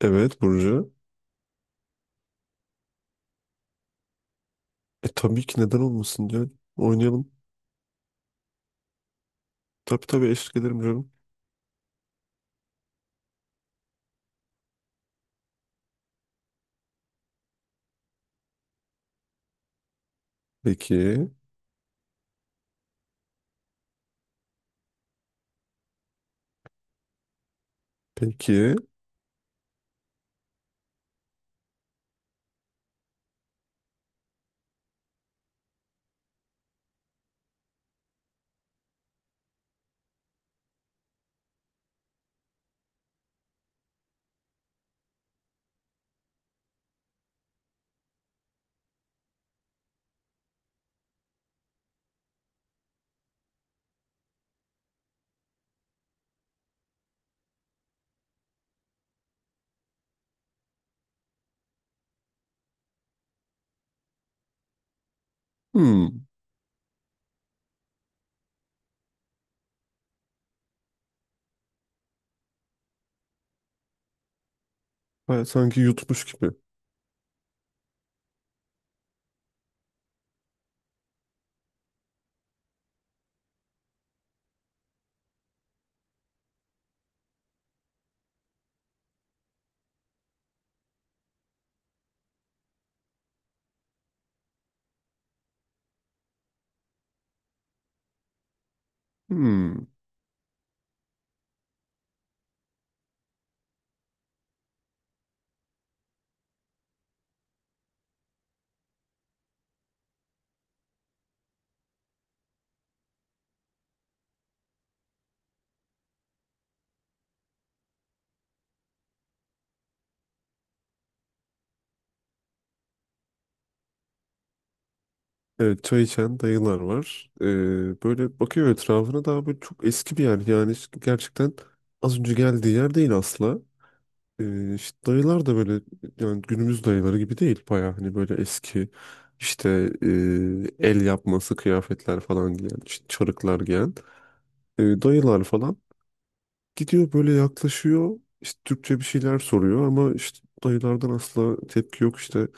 Evet Burcu. Tabii ki neden olmasın canım. Oynayalım. Tabii tabii eşlik ederim canım. Peki. Peki. Hmm. Ben sanki yutmuş gibi. Hmm. Evet çay içen dayılar var. Böyle bakıyor etrafına, daha böyle çok eski bir yer. Yani işte gerçekten az önce geldiği yer değil asla. İşte dayılar da böyle yani günümüz dayıları gibi değil. Baya hani böyle eski, işte e, el yapması kıyafetler falan giyen, işte çarıklar giyen dayılar falan. Gidiyor böyle yaklaşıyor. İşte Türkçe bir şeyler soruyor ama işte dayılardan asla tepki yok. İşte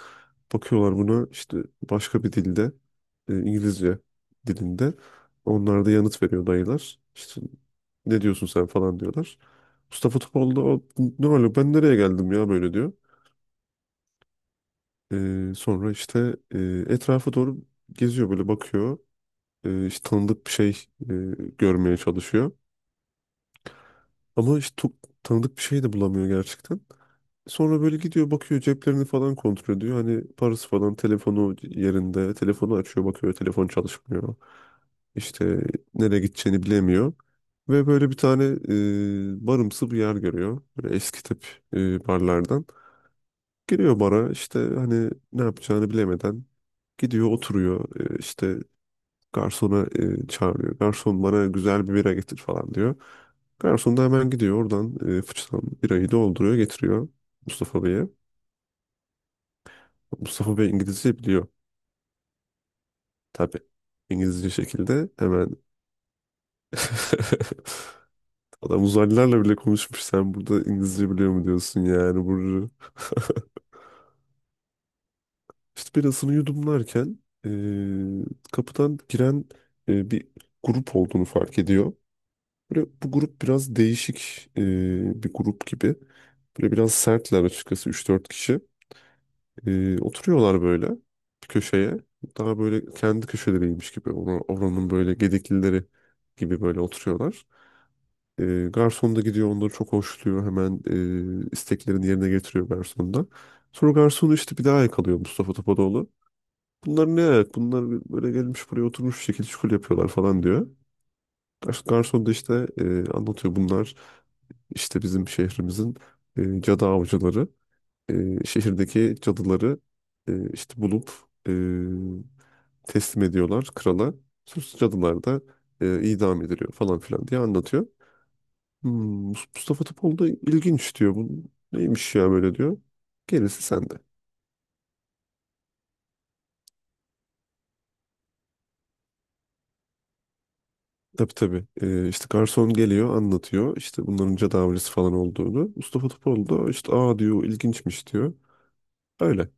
bakıyorlar buna, işte başka bir dilde, İngilizce dilinde. Onlar da yanıt veriyor dayılar. İşte ne diyorsun sen falan diyorlar. Mustafa Topal da "O, ne öyle ben nereye geldim ya" böyle diyor. Sonra işte etrafa doğru geziyor, böyle bakıyor. İşte tanıdık bir şey e, görmeye çalışıyor. Ama işte çok tanıdık bir şey de bulamıyor gerçekten. Sonra böyle gidiyor, bakıyor, ceplerini falan kontrol ediyor. Hani parası falan, telefonu yerinde. Telefonu açıyor, bakıyor, telefon çalışmıyor. İşte nereye gideceğini bilemiyor. Ve böyle bir tane barımsı bir yer görüyor. Böyle eski tip barlardan. Giriyor bara, işte hani ne yapacağını bilemeden gidiyor oturuyor. İşte garsona çağırıyor. Garson bana güzel bir bira getir falan diyor. Garson da hemen gidiyor oradan, fıçıdan birayı dolduruyor, getiriyor Mustafa Bey'e. Mustafa Bey İngilizce biliyor. Tabii. İngilizce şekilde hemen. Adam uzaylılarla bile konuşmuş. Sen burada İngilizce biliyor mu diyorsun yani Burcu. İşte birasını yudumlarken kapıdan giren bir grup olduğunu fark ediyor. Böyle bu grup biraz değişik bir grup gibi. Böyle biraz sertler açıkçası, üç dört kişi. Oturuyorlar böyle bir köşeye. Daha böyle kendi köşeleriymiş gibi. Oranın böyle gediklileri gibi böyle oturuyorlar. Garson da gidiyor, onları çok hoşluyor. Hemen isteklerini yerine getiriyor garson da. Sonra garsonu işte bir daha yakalıyor Mustafa Topadoğlu. Bunlar ne ayak? Bunlar böyle gelmiş buraya oturmuş bir şekilde şukul yapıyorlar falan diyor. Garson da işte anlatıyor, bunlar işte bizim şehrimizin cadı avcıları. Şehirdeki cadıları işte bulup e, teslim ediyorlar krala. Sus cadılar da idam ediliyor falan filan diye anlatıyor. Hmm, Mustafa Topal da ilginç diyor. Bu neymiş ya böyle diyor. Gerisi sende. Tabii tabii. İşte garson geliyor anlatıyor. İşte bunların tedavisi falan olduğunu. Mustafa Topal da işte aa diyor, ilginçmiş diyor. Öyle.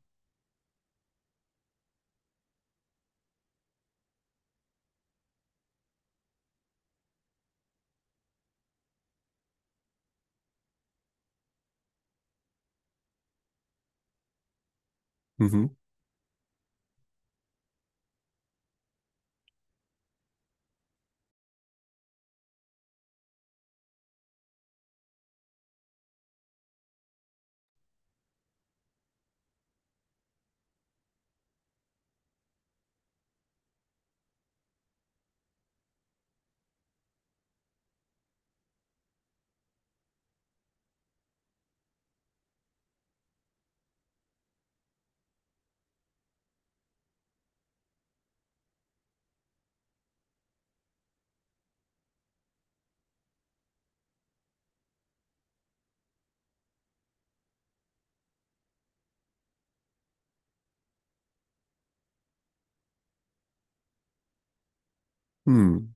Hı hı. Hmm.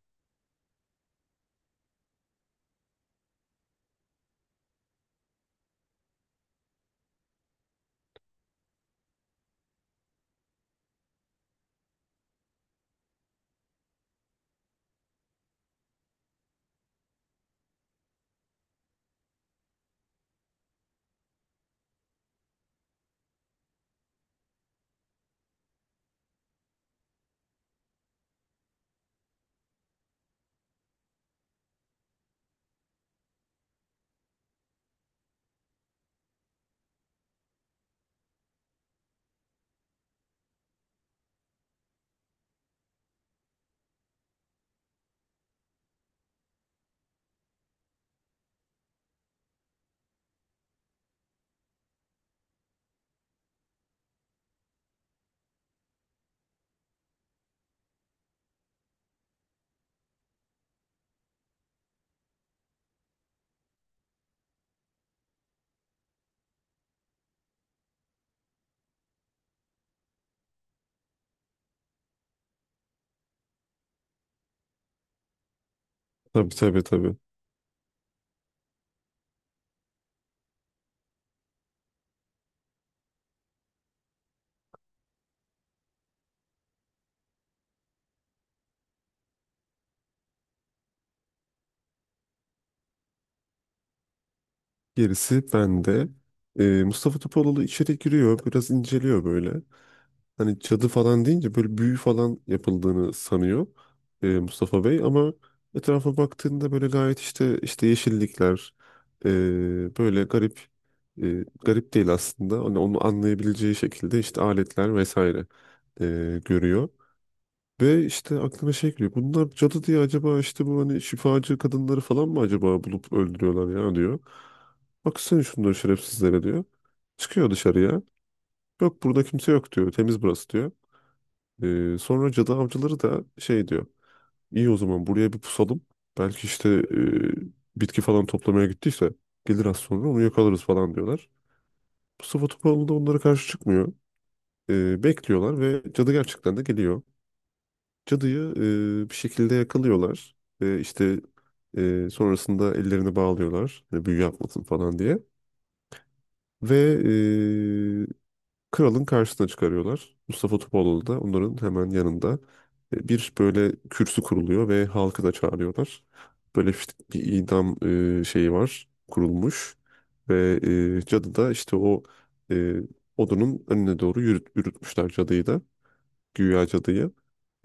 Tabii tabii tabii. Gerisi bende. Mustafa Topaloğlu içeri giriyor. Biraz inceliyor böyle. Hani cadı falan deyince böyle büyü falan yapıldığını sanıyor Mustafa Bey, ama etrafa baktığında böyle gayet işte, işte yeşillikler, böyle garip, garip değil aslında, hani onu anlayabileceği şekilde işte aletler vesaire görüyor. Ve işte aklına şey geliyor. Bunlar cadı diye acaba işte bu hani şifacı kadınları falan mı acaba bulup öldürüyorlar ya diyor. Baksana şunları şerefsizlere diyor. Çıkıyor dışarıya. Yok, burada kimse yok diyor. Temiz burası diyor. Sonra cadı avcıları da şey diyor. İyi, o zaman buraya bir pusalım. Belki işte bitki falan toplamaya gittiyse gelir, az sonra onu yakalarız falan diyorlar. Mustafa Topaloğlu da onlara karşı çıkmıyor. Bekliyorlar ve cadı gerçekten de geliyor. Cadıyı bir şekilde yakalıyorlar. Ve işte sonrasında ellerini bağlıyorlar. E, büyü yapmasın falan diye. Ve kralın karşısına çıkarıyorlar. Mustafa Topaloğlu da onların hemen yanında, bir böyle kürsü kuruluyor ve halkı da çağırıyorlar. Böyle işte bir idam şeyi var, kurulmuş, ve cadı da işte o e, odunun önüne doğru yürütmüşler cadıyı da, güya cadıyı.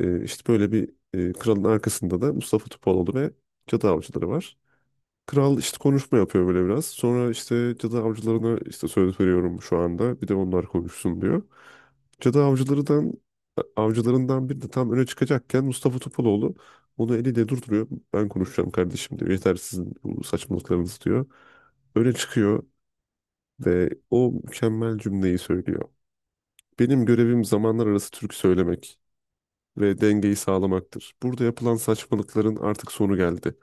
İşte böyle bir, kralın arkasında da Mustafa Topaloğlu ve cadı avcıları var. Kral işte konuşma yapıyor böyle biraz. Sonra işte cadı avcılarına işte söz veriyorum şu anda, bir de onlar konuşsun diyor. Cadı avcılarından Avcılarından biri de tam öne çıkacakken Mustafa Topaloğlu onu eliyle durduruyor. Ben konuşacağım kardeşim diyor. Yeter sizin bu saçmalıklarınız diyor. Öne çıkıyor ve o mükemmel cümleyi söylüyor. Benim görevim zamanlar arası türkü söylemek ve dengeyi sağlamaktır. Burada yapılan saçmalıkların artık sonu geldi.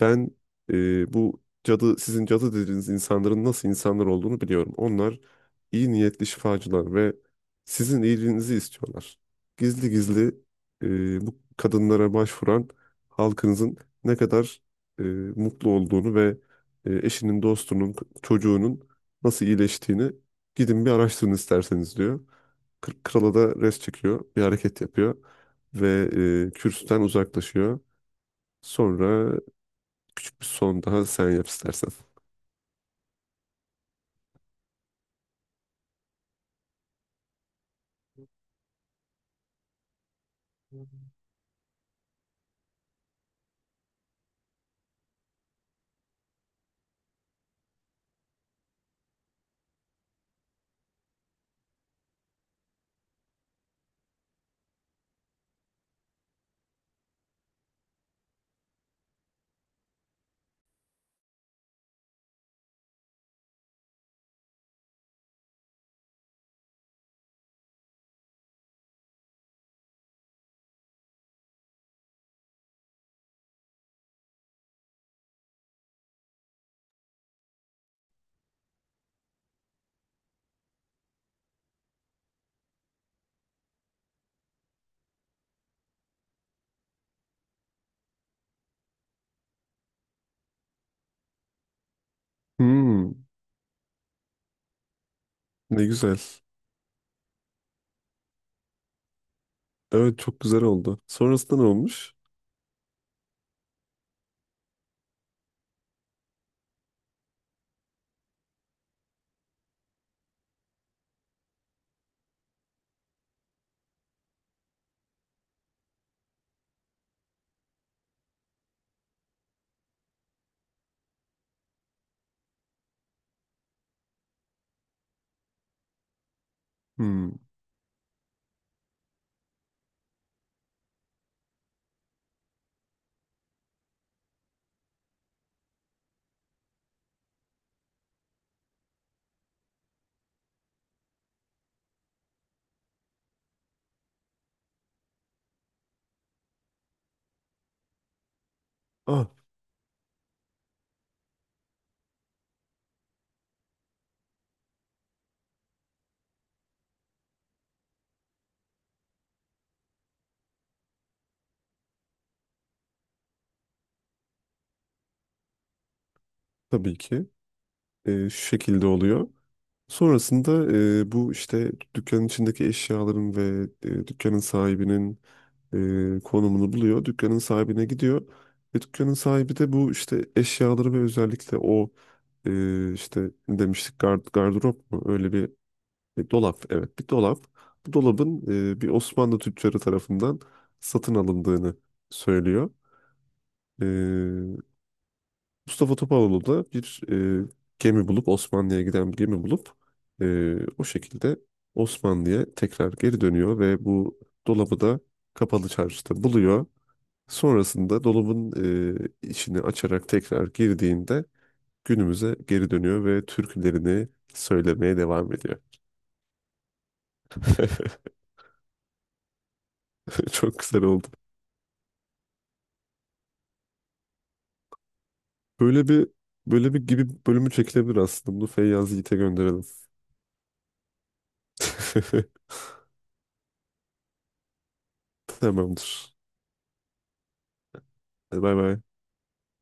Ben bu cadı, sizin cadı dediğiniz insanların nasıl insanlar olduğunu biliyorum. Onlar iyi niyetli şifacılar ve sizin iyiliğinizi istiyorlar. Gizli gizli bu kadınlara başvuran halkınızın ne kadar e, mutlu olduğunu ve eşinin, dostunun, çocuğunun nasıl iyileştiğini gidin bir araştırın isterseniz diyor. Krala da res çekiyor, bir hareket yapıyor ve kürsüden uzaklaşıyor. Sonra küçük bir son daha sen yap istersen. Hmm, ne güzel. Evet çok güzel oldu. Sonrasında ne olmuş? Hmm. Ah, tabii ki şu şekilde oluyor. Sonrasında bu işte dükkanın içindeki eşyaların ve dükkanın sahibinin konumunu buluyor. Dükkanın sahibine gidiyor. Ve dükkanın sahibi de bu işte eşyaları ve özellikle o işte ne demiştik, gardırop mu? Öyle bir E, dolap, evet, bir dolap. Bu dolabın bir Osmanlı tüccarı tarafından satın alındığını söylüyor. E, Mustafa Topaloğlu da bir e, gemi bulup, Osmanlı'ya giden bir gemi bulup, o şekilde Osmanlı'ya tekrar geri dönüyor ve bu dolabı da kapalı çarşıda buluyor. Sonrasında dolabın içini açarak tekrar girdiğinde günümüze geri dönüyor ve türkülerini söylemeye devam ediyor. Çok güzel oldu. Böyle bir Böyle bir gibi bölümü çekilebilir aslında. Bunu Feyyaz Yiğit'e gönderelim. Tamamdır. Hadi bay bay.